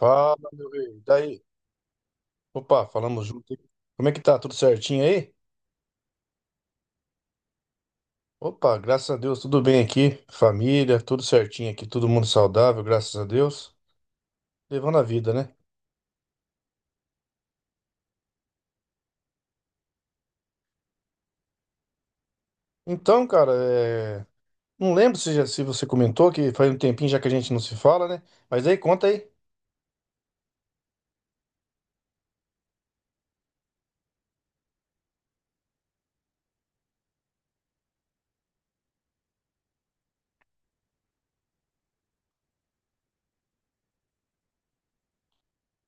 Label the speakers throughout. Speaker 1: Fala, meu rei. E daí? Opa, falamos junto, hein? Como é que tá? Tudo certinho aí? Opa, graças a Deus, tudo bem aqui. Família, tudo certinho aqui, todo mundo saudável, graças a Deus. Levando a vida, né? Então, cara, não lembro se você comentou que faz um tempinho já que a gente não se fala, né? Mas aí, conta aí.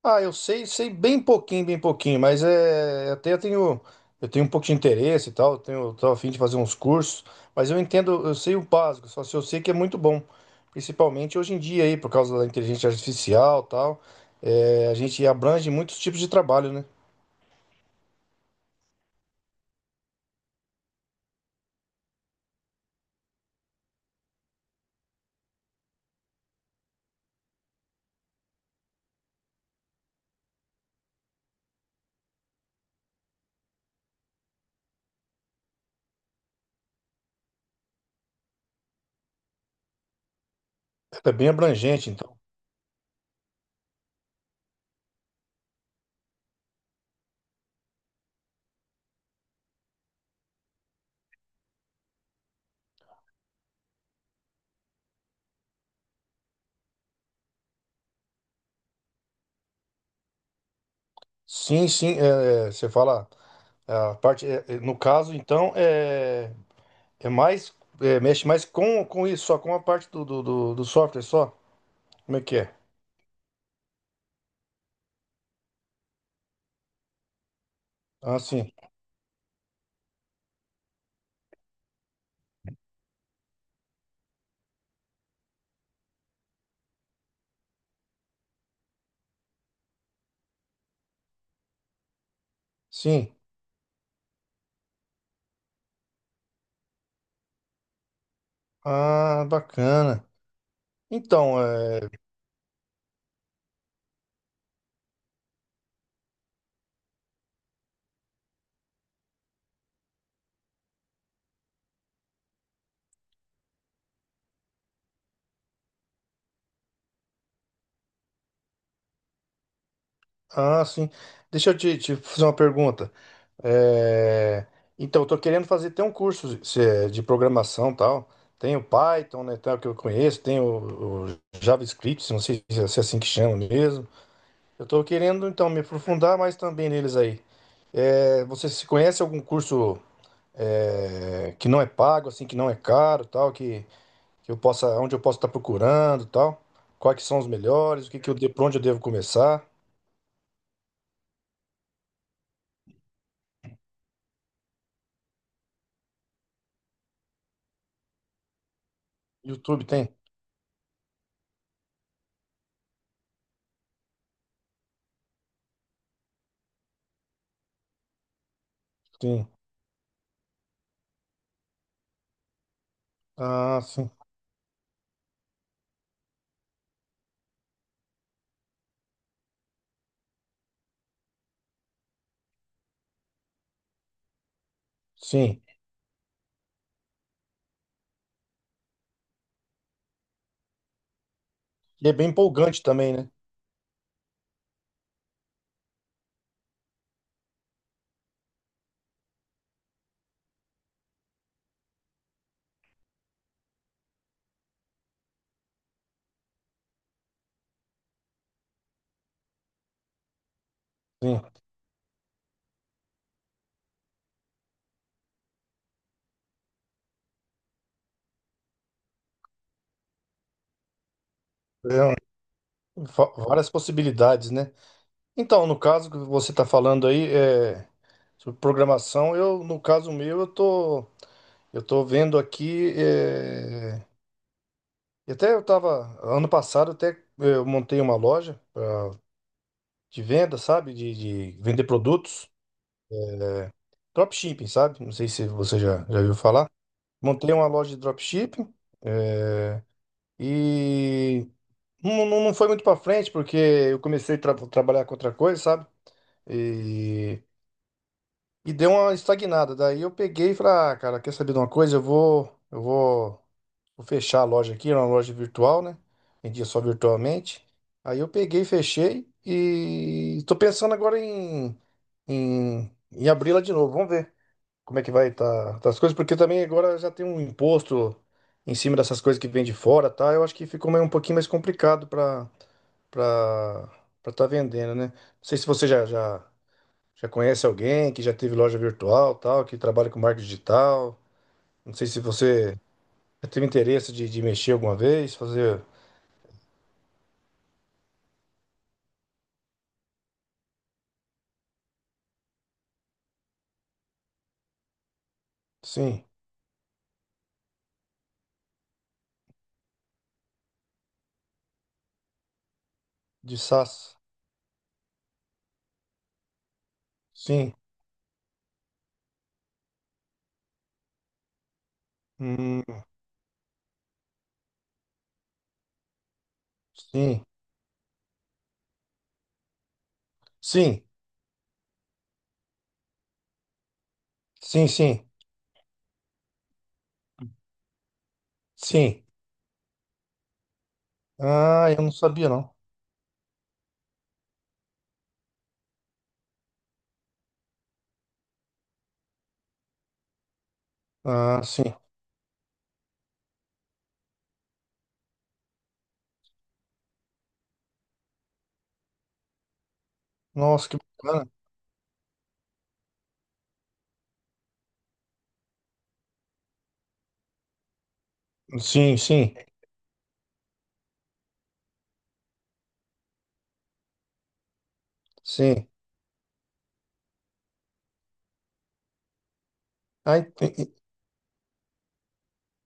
Speaker 1: Ah, eu sei, sei bem pouquinho, mas é até eu tenho um pouco de interesse e tal, eu tenho eu tô a fim de fazer uns cursos, mas eu entendo, eu sei o básico, só se eu sei que é muito bom, principalmente hoje em dia aí por causa da inteligência artificial, e tal, é, a gente abrange muitos tipos de trabalho, né? É bem abrangente, então. Sim, sim, você fala a parte no caso, então é mais é, mexe mais com isso, só com a parte do software só. Como é que é? Ah, sim. Sim. Ah, bacana. Então, é... ah, sim. Deixa eu te fazer uma pergunta. É, então, eu tô querendo fazer até um curso de é, de programação e tal. Tem o Python, né, tal, que eu conheço, tem o JavaScript, não sei se é assim que chama mesmo. Eu tô querendo, então, me aprofundar mais também neles aí. É, você se conhece algum curso é, que não é pago, assim, que não é caro, tal, que eu possa, onde eu posso estar procurando, e tal. Quais que são os melhores? O que que eu, de- Por onde eu devo começar? YouTube tem? Sim. Ah, sim. Sim. E é bem empolgante também, né? Sim. É Várias possibilidades, né? Então, no caso que você está falando aí, é, sobre programação, eu, no caso meu, eu tô vendo aqui, é, e até eu tava, ano passado até eu montei uma loja de venda, sabe? De vender produtos. Dropshipping, sabe? Não sei se você já viu falar. Montei uma loja de dropshipping eh, e não foi muito pra frente porque eu comecei a trabalhar com outra coisa, sabe? E, e deu uma estagnada. Daí eu peguei e falei, ah, cara, quer saber de uma coisa? Eu vou fechar a loja aqui, era uma loja virtual, né? Vendia só virtualmente. Aí eu peguei, fechei e tô pensando agora em abri-la de novo. Vamos ver como é que vai estar as coisas, porque também agora já tem um imposto em cima dessas coisas que vem de fora, tá? Eu acho que ficou meio um pouquinho mais complicado para para estar vendendo, né? Não sei se você já conhece alguém que já teve loja virtual, tal, que trabalha com marketing digital. Não sei se você já teve interesse de mexer alguma vez, fazer, sim, de SaaS. Sim. Hum, sim. Sim. Sim, sim. Sim. Ah, eu não sabia não. Ah, sim. Nossa, que bacana. Sim, sim, sim. Ah, ent- e-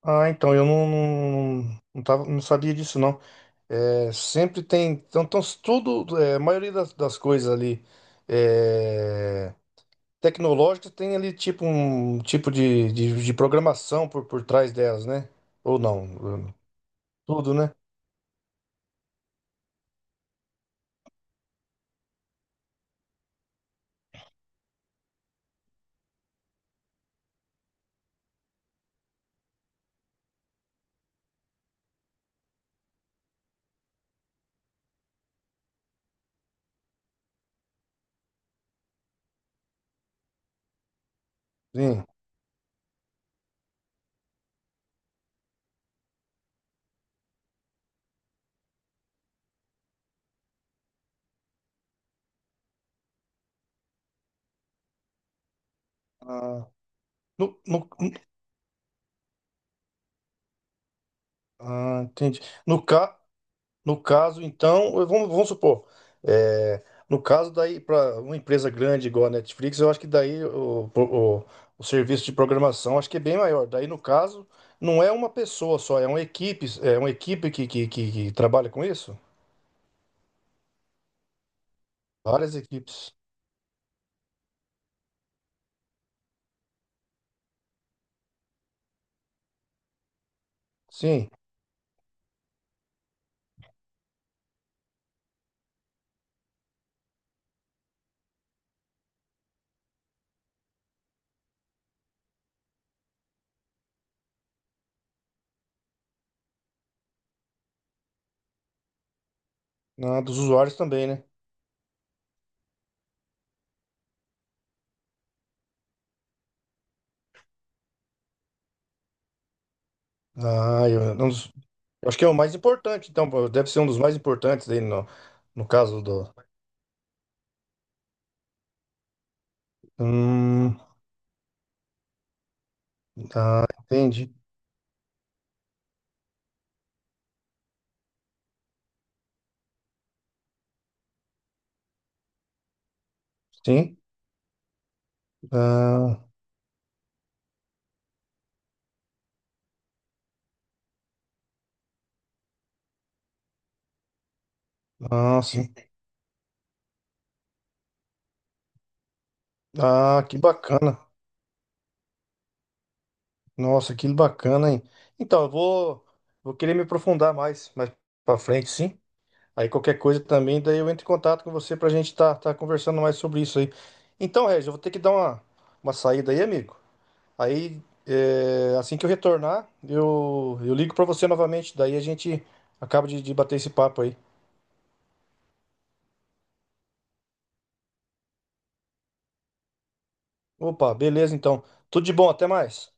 Speaker 1: ah, então eu tava, não sabia disso, não. É, sempre tem. Então, então tudo, é, a maioria das coisas ali é, tecnológicas tem ali tipo um tipo de programação por trás delas, né? Ou não? Tudo, né? Sim. Ah, no, no, ah, entendi. No, ca- No caso, então, vamos supor, é, no caso daí, para uma empresa grande igual a Netflix, eu acho que daí o serviço de programação acho que é bem maior. Daí, no caso, não é uma pessoa só, é uma equipe que trabalha com isso? Várias equipes. Sim, ah, dos usuários também, né? Ah, eu, não- eu acho que é o mais importante, então, pô, deve ser um dos mais importantes aí no, no caso do. Hum, ah, entendi. Sim. Ah, ah, sim. Ah, que bacana. Nossa, que bacana, hein? Então, eu vou, vou querer me aprofundar mais, mais pra frente, sim. Aí qualquer coisa também, daí eu entro em contato com você pra gente tá, tá conversando mais sobre isso aí. Então, Regis, eu vou ter que dar uma saída aí, amigo. Aí, é, assim que eu retornar, eu ligo pra você novamente. Daí a gente acaba de bater esse papo aí. Opa, beleza, então. Tudo de bom, até mais.